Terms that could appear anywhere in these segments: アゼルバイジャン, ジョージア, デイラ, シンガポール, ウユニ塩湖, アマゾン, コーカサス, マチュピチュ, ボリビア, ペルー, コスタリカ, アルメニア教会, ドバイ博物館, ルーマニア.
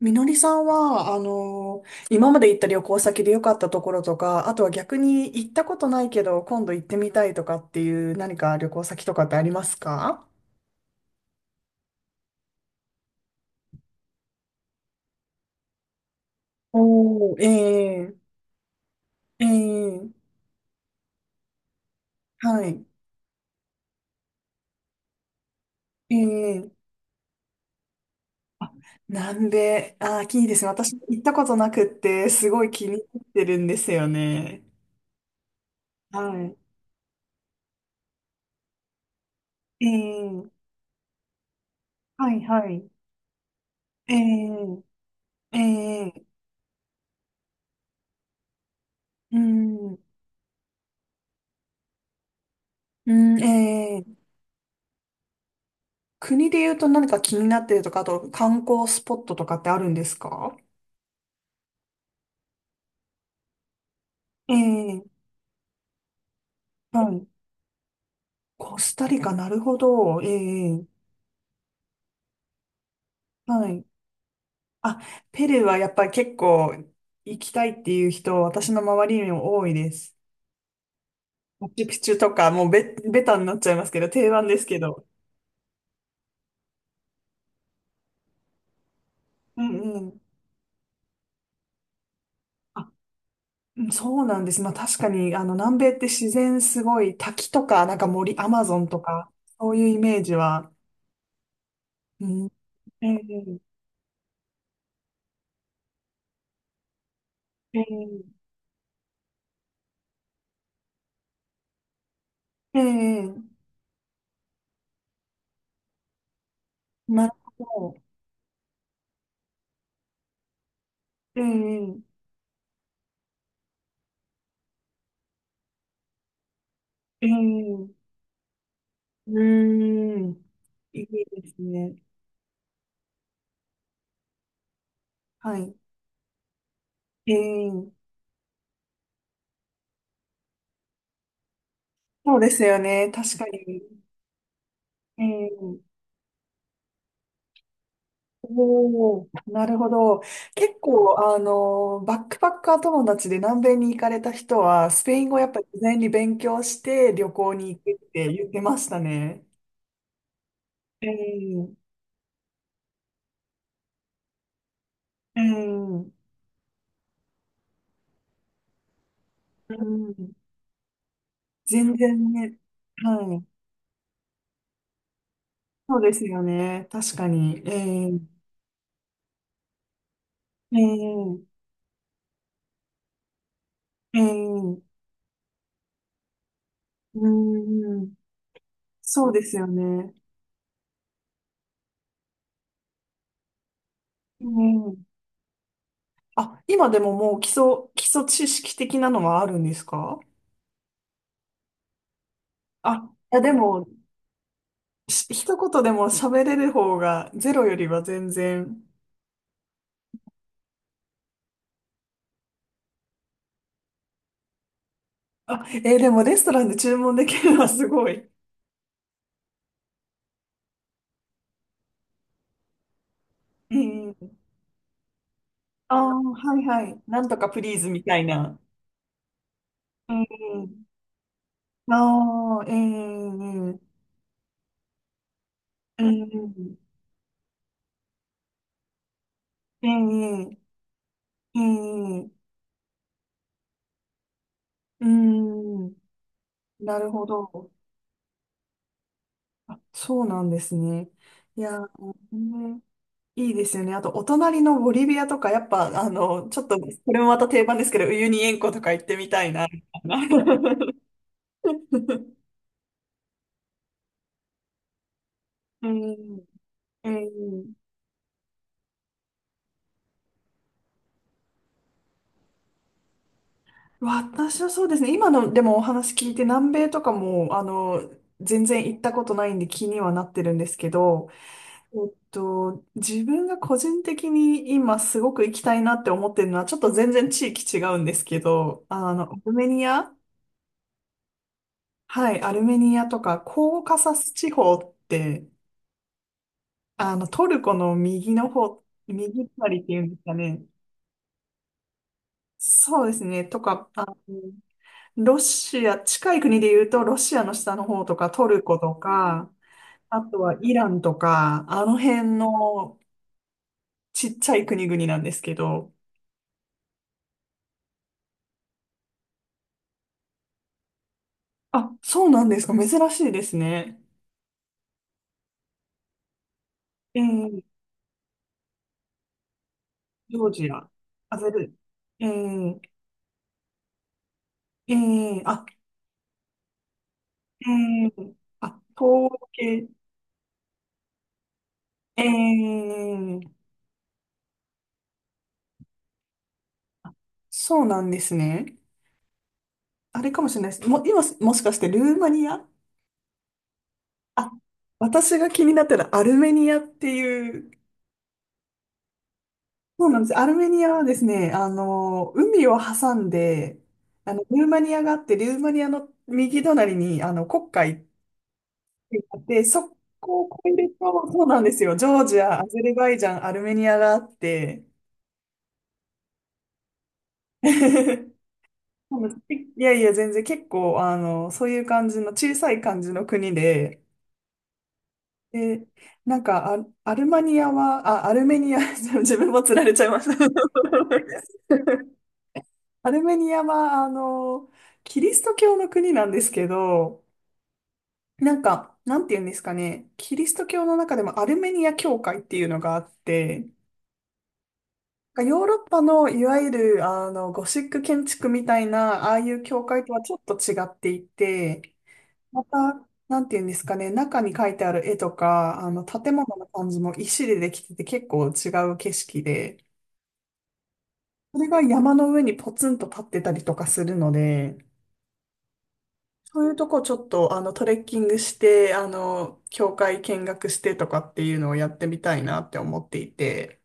みのりさんは、今まで行った旅行先で良かったところとか、あとは逆に行ったことないけど、今度行ってみたいとかっていう何か旅行先とかってありますか？おー、ええ。ええ。はい、ええ。なんで、あー、いいですね。私行ったことなくって、すごい気になってるんですよね。はい、ええ。はい、はい、ええ。ええ。うん、うん、ええ。国で言うと何か気になってるとか、あと観光スポットとかってあるんですか？ええ。はい。コスタリカ、なるほど。ええ。はい。あ、ペルーはやっぱり結構行きたいっていう人、私の周りにも多いです。マチュピチュとか、もうベ、ベタになっちゃいますけど、定番ですけど。うんうん。あ、うんそうなんです。まあ確かに、南米って自然すごい、滝とか、なんか森、アマゾンとか、そういうイメージは。うん。ええ。ええ。ええ。なるほど。ええ、ええ、うーん。いいですね。はい。ええ、そうですよね。確かに。ええ、おお、なるほど。結構、バックパッカー友達で南米に行かれた人は、スペイン語やっぱり事前に勉強して旅行に行くって言ってましたね。ええ、ええ、うん。全然ね。はい。そうですよね。確かに。ええ、ええ。ええ、うーん、そうですよね。うん。あ、今でももう基礎、基礎知識的なのはあるんですか？あ、いやでも、し一言でも喋れる方がゼロよりは全然。あ、えーでもレストランで注文できるのはすごい。うん。ああ、はいはい。なんとかプリーズみたいな。うん。ああ、ええ、うんうん。うん。ええ。ええ。うんうん。なるほど。そうなんですね。いやー、ね、いいですよね。あと、お隣のボリビアとか、やっぱ、ちょっと、これもまた定番ですけど、ウユニ塩湖とか行ってみたいな。みたいな。 うん、うん。私はそうですね。今の、でもお話聞いて、南米とかも、全然行ったことないんで気にはなってるんですけど、自分が個人的に今すごく行きたいなって思ってるのは、ちょっと全然地域違うんですけど、アルメニア。はい、アルメニアとか、コーカサス地方って、トルコの右の方、右隣っていうんですかね。そうですね。とか、ロシア、近い国で言うと、ロシアの下の方とか、トルコとか、あとはイランとか、あの辺のちっちゃい国々なんですけど、あ、そうなんですか。珍しいですね。えー、ジョージア、アゼル、えー、えー、あ、えー、あ、東欧系。ええ。そうなんですね。あれかもしれないです。も、今、もしかしてルーマニア。あ、私が気になったらアルメニアっていう、そうなんです。アルメニアはですね、海を挟んで、ルーマニアがあって、ルーマニアの右隣に、黒海ってあって、そこを越えると、そうなんですよ。ジョージア、アゼルバイジャン、アルメニアがあって、いやいや、全然結構、そういう感じの小さい感じの国で、で、なんかア、アルマニアは、あ、アルメニア、自分もつられちゃいました。アルメニアは、キリスト教の国なんですけど、なんか、なんて言うんですかね、キリスト教の中でもアルメニア教会っていうのがあって、なんかヨーロッパのいわゆる、ゴシック建築みたいな、ああいう教会とはちょっと違っていて、また、なんていうんですかね、中に描いてある絵とか、建物の感じも石でできてて結構違う景色で、それが山の上にポツンと立ってたりとかするので、そういうとこちょっと、トレッキングして、教会見学してとかっていうのをやってみたいなって思っていて、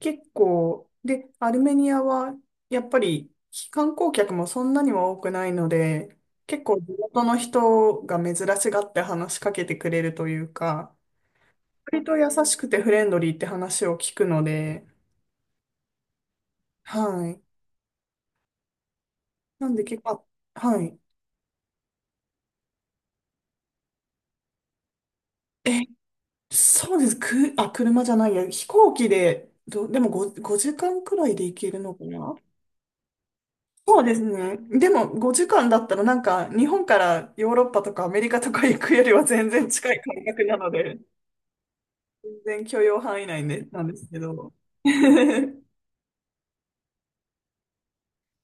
結構、で、アルメニアは、やっぱり、観光客もそんなにも多くないので、結構地元の人が珍しがって話しかけてくれるというか、割と優しくてフレンドリーって話を聞くので、はい。なんで結構、あはい。え、そうです。く、あ、車じゃないや。飛行機で、ど、でも5、5時間くらいで行けるのかな？そうですね。でも5時間だったらなんか日本からヨーロッパとかアメリカとか行くよりは全然近い感覚なので、全然許容範囲内でなんですけど。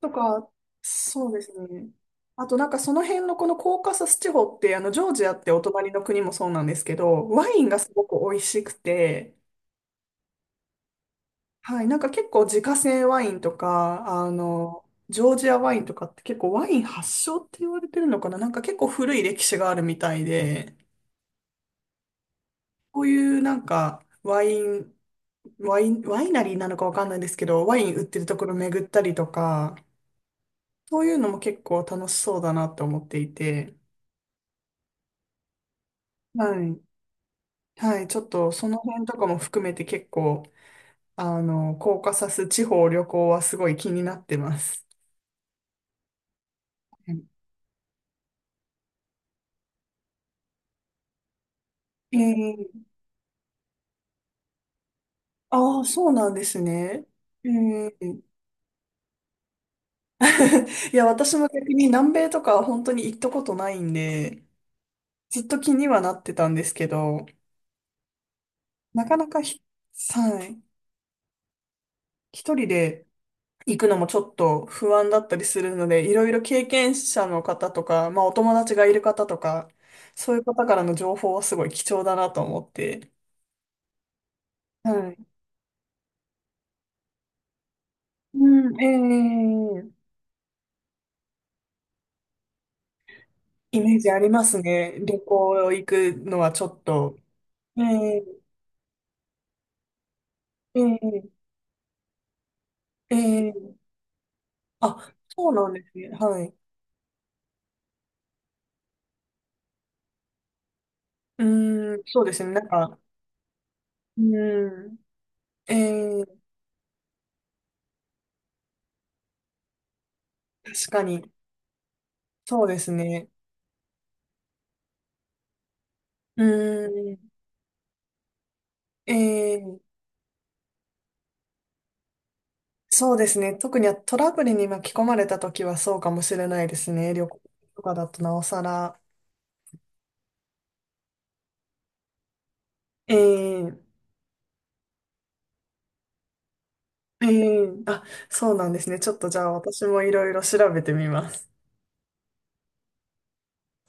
とか、そうですね。あとなんかその辺のこのコーカサス地方って、ジョージアってお隣の国もそうなんですけど、ワインがすごく美味しくて、はい、なんか結構自家製ワインとか、ジョージアワインとかって結構ワイン発祥って言われてるのかな、なんか結構古い歴史があるみたいで、こういうなんかワイン、ワイナリーなのかわかんないんですけど、ワイン売ってるところ巡ったりとか、そういうのも結構楽しそうだなと思っていて、はい。はい、ちょっとその辺とかも含めて結構、コーカサス地方旅行はすごい気になってます。ええ。ああー、そうなんですね。ええ。 いや、私も逆に南米とかは本当に行ったことないんで、ずっと気にはなってたんですけど、なかなかひ、はい、一人で行くのもちょっと不安だったりするので、いろいろ経験者の方とか、まあお友達がいる方とか、そういう方からの情報はすごい貴重だなと思って。はい。うん、ええ。イメージありますね。旅行行くのはちょっと。ええ。ええ。ええ。あ、そうなんですね。はい。うん、そうですね。なんか、うん、ええ、確かに。そうですね。うん、ええ、そうですね。特にトラブルに巻き込まれた時はそうかもしれないですね。旅行とかだとなおさら。ええ。ええ。あ、そうなんですね。ちょっとじゃあ私もいろいろ調べてみます。